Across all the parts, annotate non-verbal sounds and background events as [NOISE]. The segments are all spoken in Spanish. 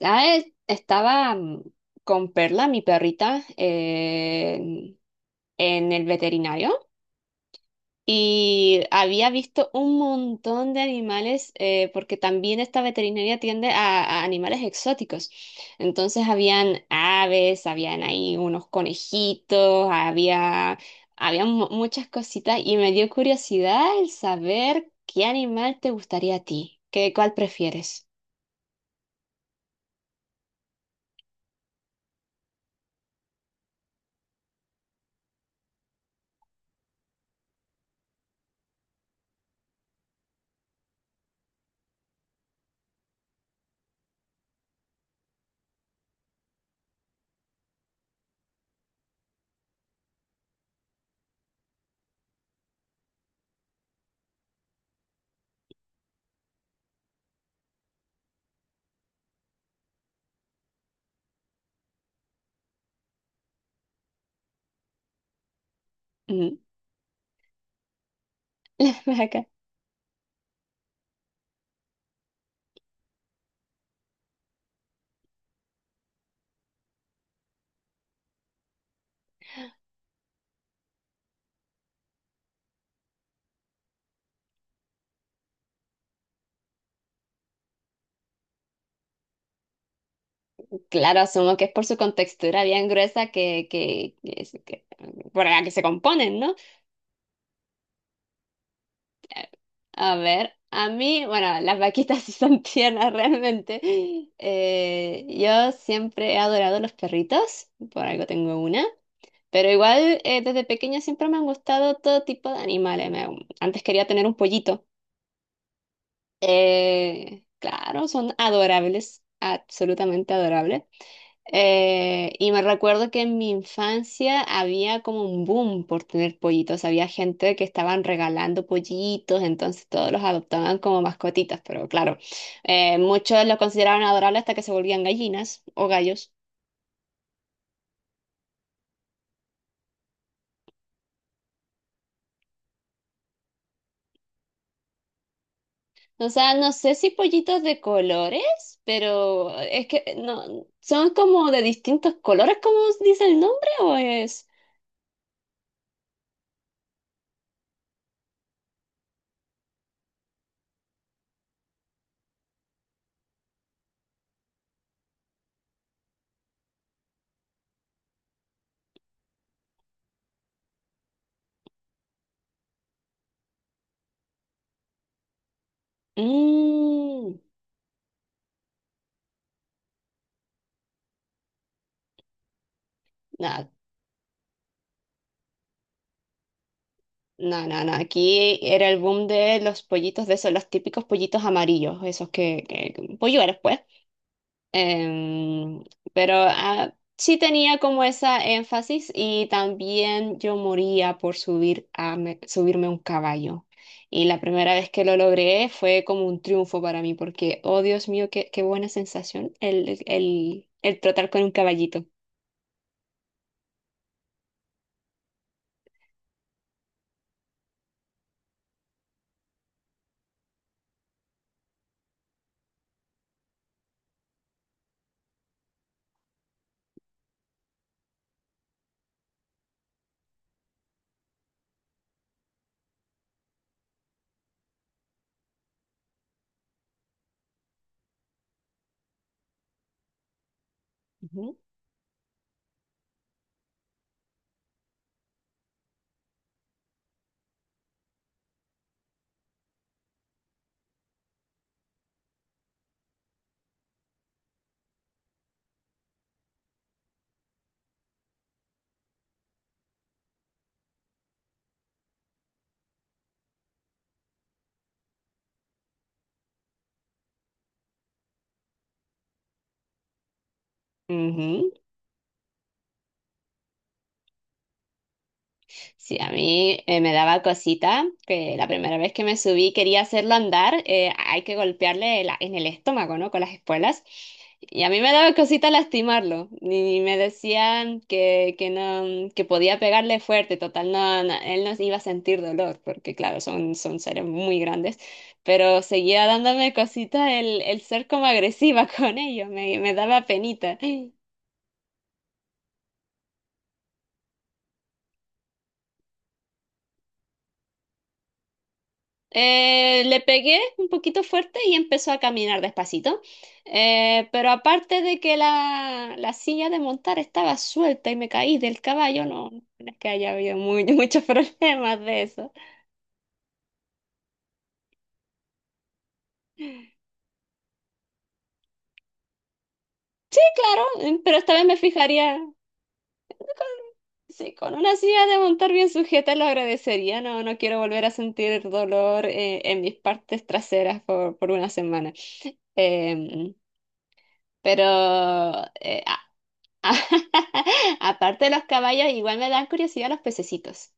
Estaba con Perla, mi perrita, en el veterinario y había visto un montón de animales porque también esta veterinaria atiende a animales exóticos. Entonces habían aves, habían ahí unos conejitos, había muchas cositas y me dio curiosidad el saber qué animal te gustaría a ti, cuál prefieres. Ujú. [LAUGHS] Claro, asumo que es por su contextura bien gruesa por la que se componen, ¿no? A ver, a mí, bueno, las vaquitas [LAUGHS] sí son tiernas realmente. Yo siempre he adorado los perritos, por algo tengo una, pero igual desde pequeña siempre me han gustado todo tipo de animales. Antes quería tener un pollito. Claro, son adorables, absolutamente adorables. Y me recuerdo que en mi infancia había como un boom por tener pollitos. Había gente que estaban regalando pollitos, entonces todos los adoptaban como mascotitas. Pero claro, muchos los consideraban adorables hasta que se volvían gallinas o gallos. O sea, no sé si pollitos de colores, pero es que no, son como de distintos colores, como dice el nombre, o es. Mm, no, no, no, no. Aquí era el boom de los pollitos de esos, los típicos pollitos amarillos, esos que polluelos, pues. Em, pero sí tenía como esa énfasis y también yo moría por subir a subirme a un caballo. Y la primera vez que lo logré fue como un triunfo para mí, porque, oh Dios mío, qué buena sensación el trotar con un caballito. Ujú. Ujú. Sí, a mí me daba cosita que la primera vez que me subí quería hacerlo andar, hay que golpearle en el estómago, ¿no? Con las espuelas. Y a mí me daba cosita lastimarlo. Y me decían que no, que podía pegarle fuerte, total, no, no, él no iba a sentir dolor, porque claro, son, son seres muy grandes. Pero seguía dándome cosita el ser como agresiva [LAUGHS] con ellos, me daba penita. Le pegué un poquito fuerte y empezó a caminar despacito. Pero aparte de que la silla de montar estaba suelta y me caí del caballo, no es que haya habido [LAUGHS] muchos problemas de eso. Claro, pero esta vez me fijaría, sí, con una silla de montar bien sujeta lo agradecería. No quiero volver a sentir dolor en mis partes traseras por una semana. Em, pero eh, [LAUGHS] aparte de los caballos, igual me dan curiosidad los pececitos.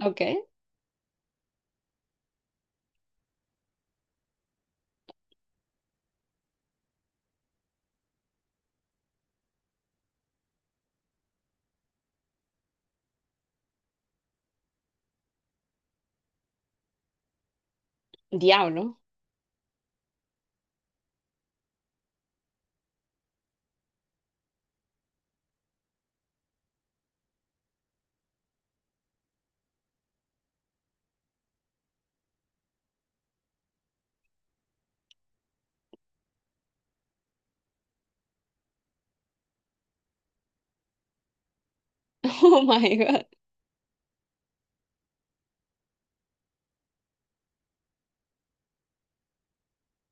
Ok. Diablo. [LAUGHS] Oh my God.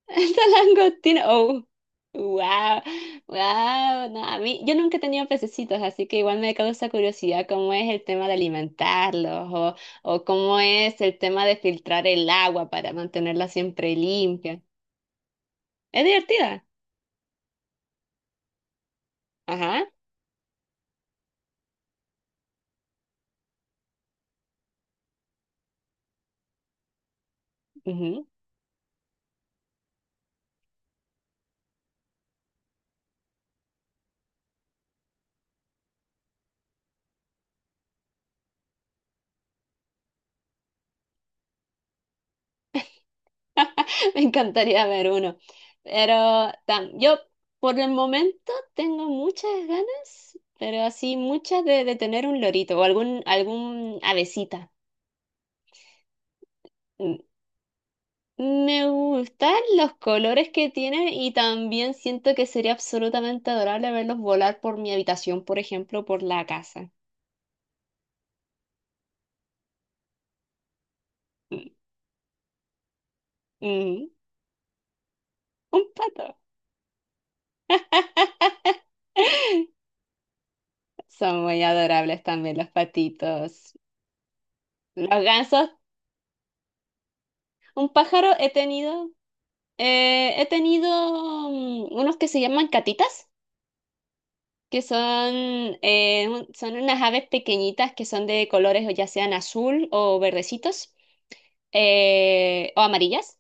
Esta langostina. Oh. Wow. Wow. No, a mí, yo nunca he tenido pececitos, así que igual me causa curiosidad cómo es el tema de o cómo es el tema de filtrar el agua para mantenerla siempre limpia. Es divertida. Ajá. [LAUGHS] Me encantaría ver uno. Yo por el momento tengo muchas ganas, pero así muchas de tener un lorito o algún avecita. Mm. Me gustan los colores que tienen y también siento que sería absolutamente adorable verlos volar por mi habitación, por ejemplo, por la casa. Mm. Mm. Un pato. [LAUGHS] Son muy adorables también los patitos. Los gansos. Un pájaro he tenido. He tenido unos que se llaman catitas, que son, son unas aves pequeñitas que son de colores o ya sean azul o verdecitos o amarillas.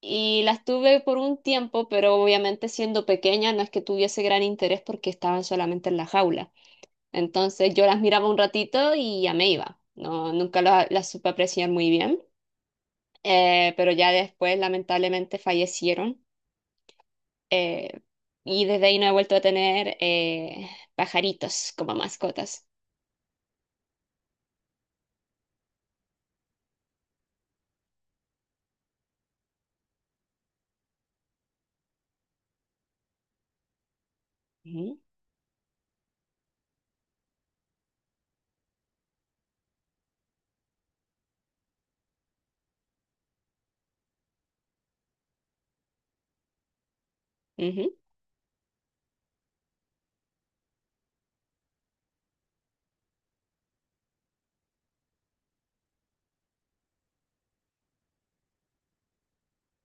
Y las tuve por un tiempo, pero obviamente siendo pequeña no es que tuviese gran interés porque estaban solamente en la jaula. Entonces yo las miraba un ratito y ya me iba. No, nunca las supe apreciar muy bien. Pero ya después lamentablemente fallecieron. eh, y desde ahí no he vuelto a tener pajaritos como mascotas. Ujú. Ujú.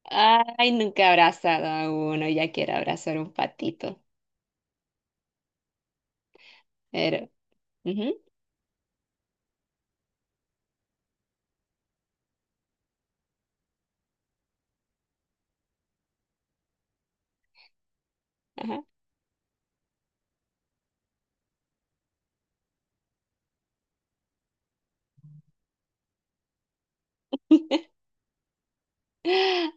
Ay, nunca he abrazado a uno, ya quiero abrazar un patito. Pero, ujú, ajá. [LAUGHS]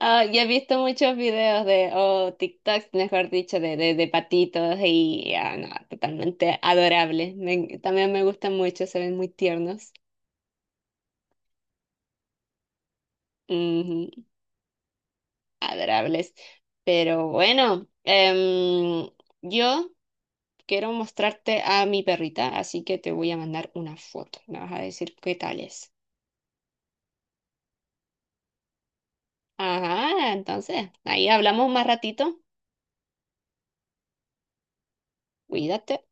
Ah, y he visto muchos videos o TikToks, mejor dicho, de patitos y ah, no, totalmente adorables. También me gustan mucho, se ven muy tiernos. Ujú, adorables. Pero bueno, em, yo quiero mostrarte a mi perrita, así que te voy a mandar una foto. Me vas a decir qué tal es. Ajá, entonces, ahí hablamos más ratito. Cuídate.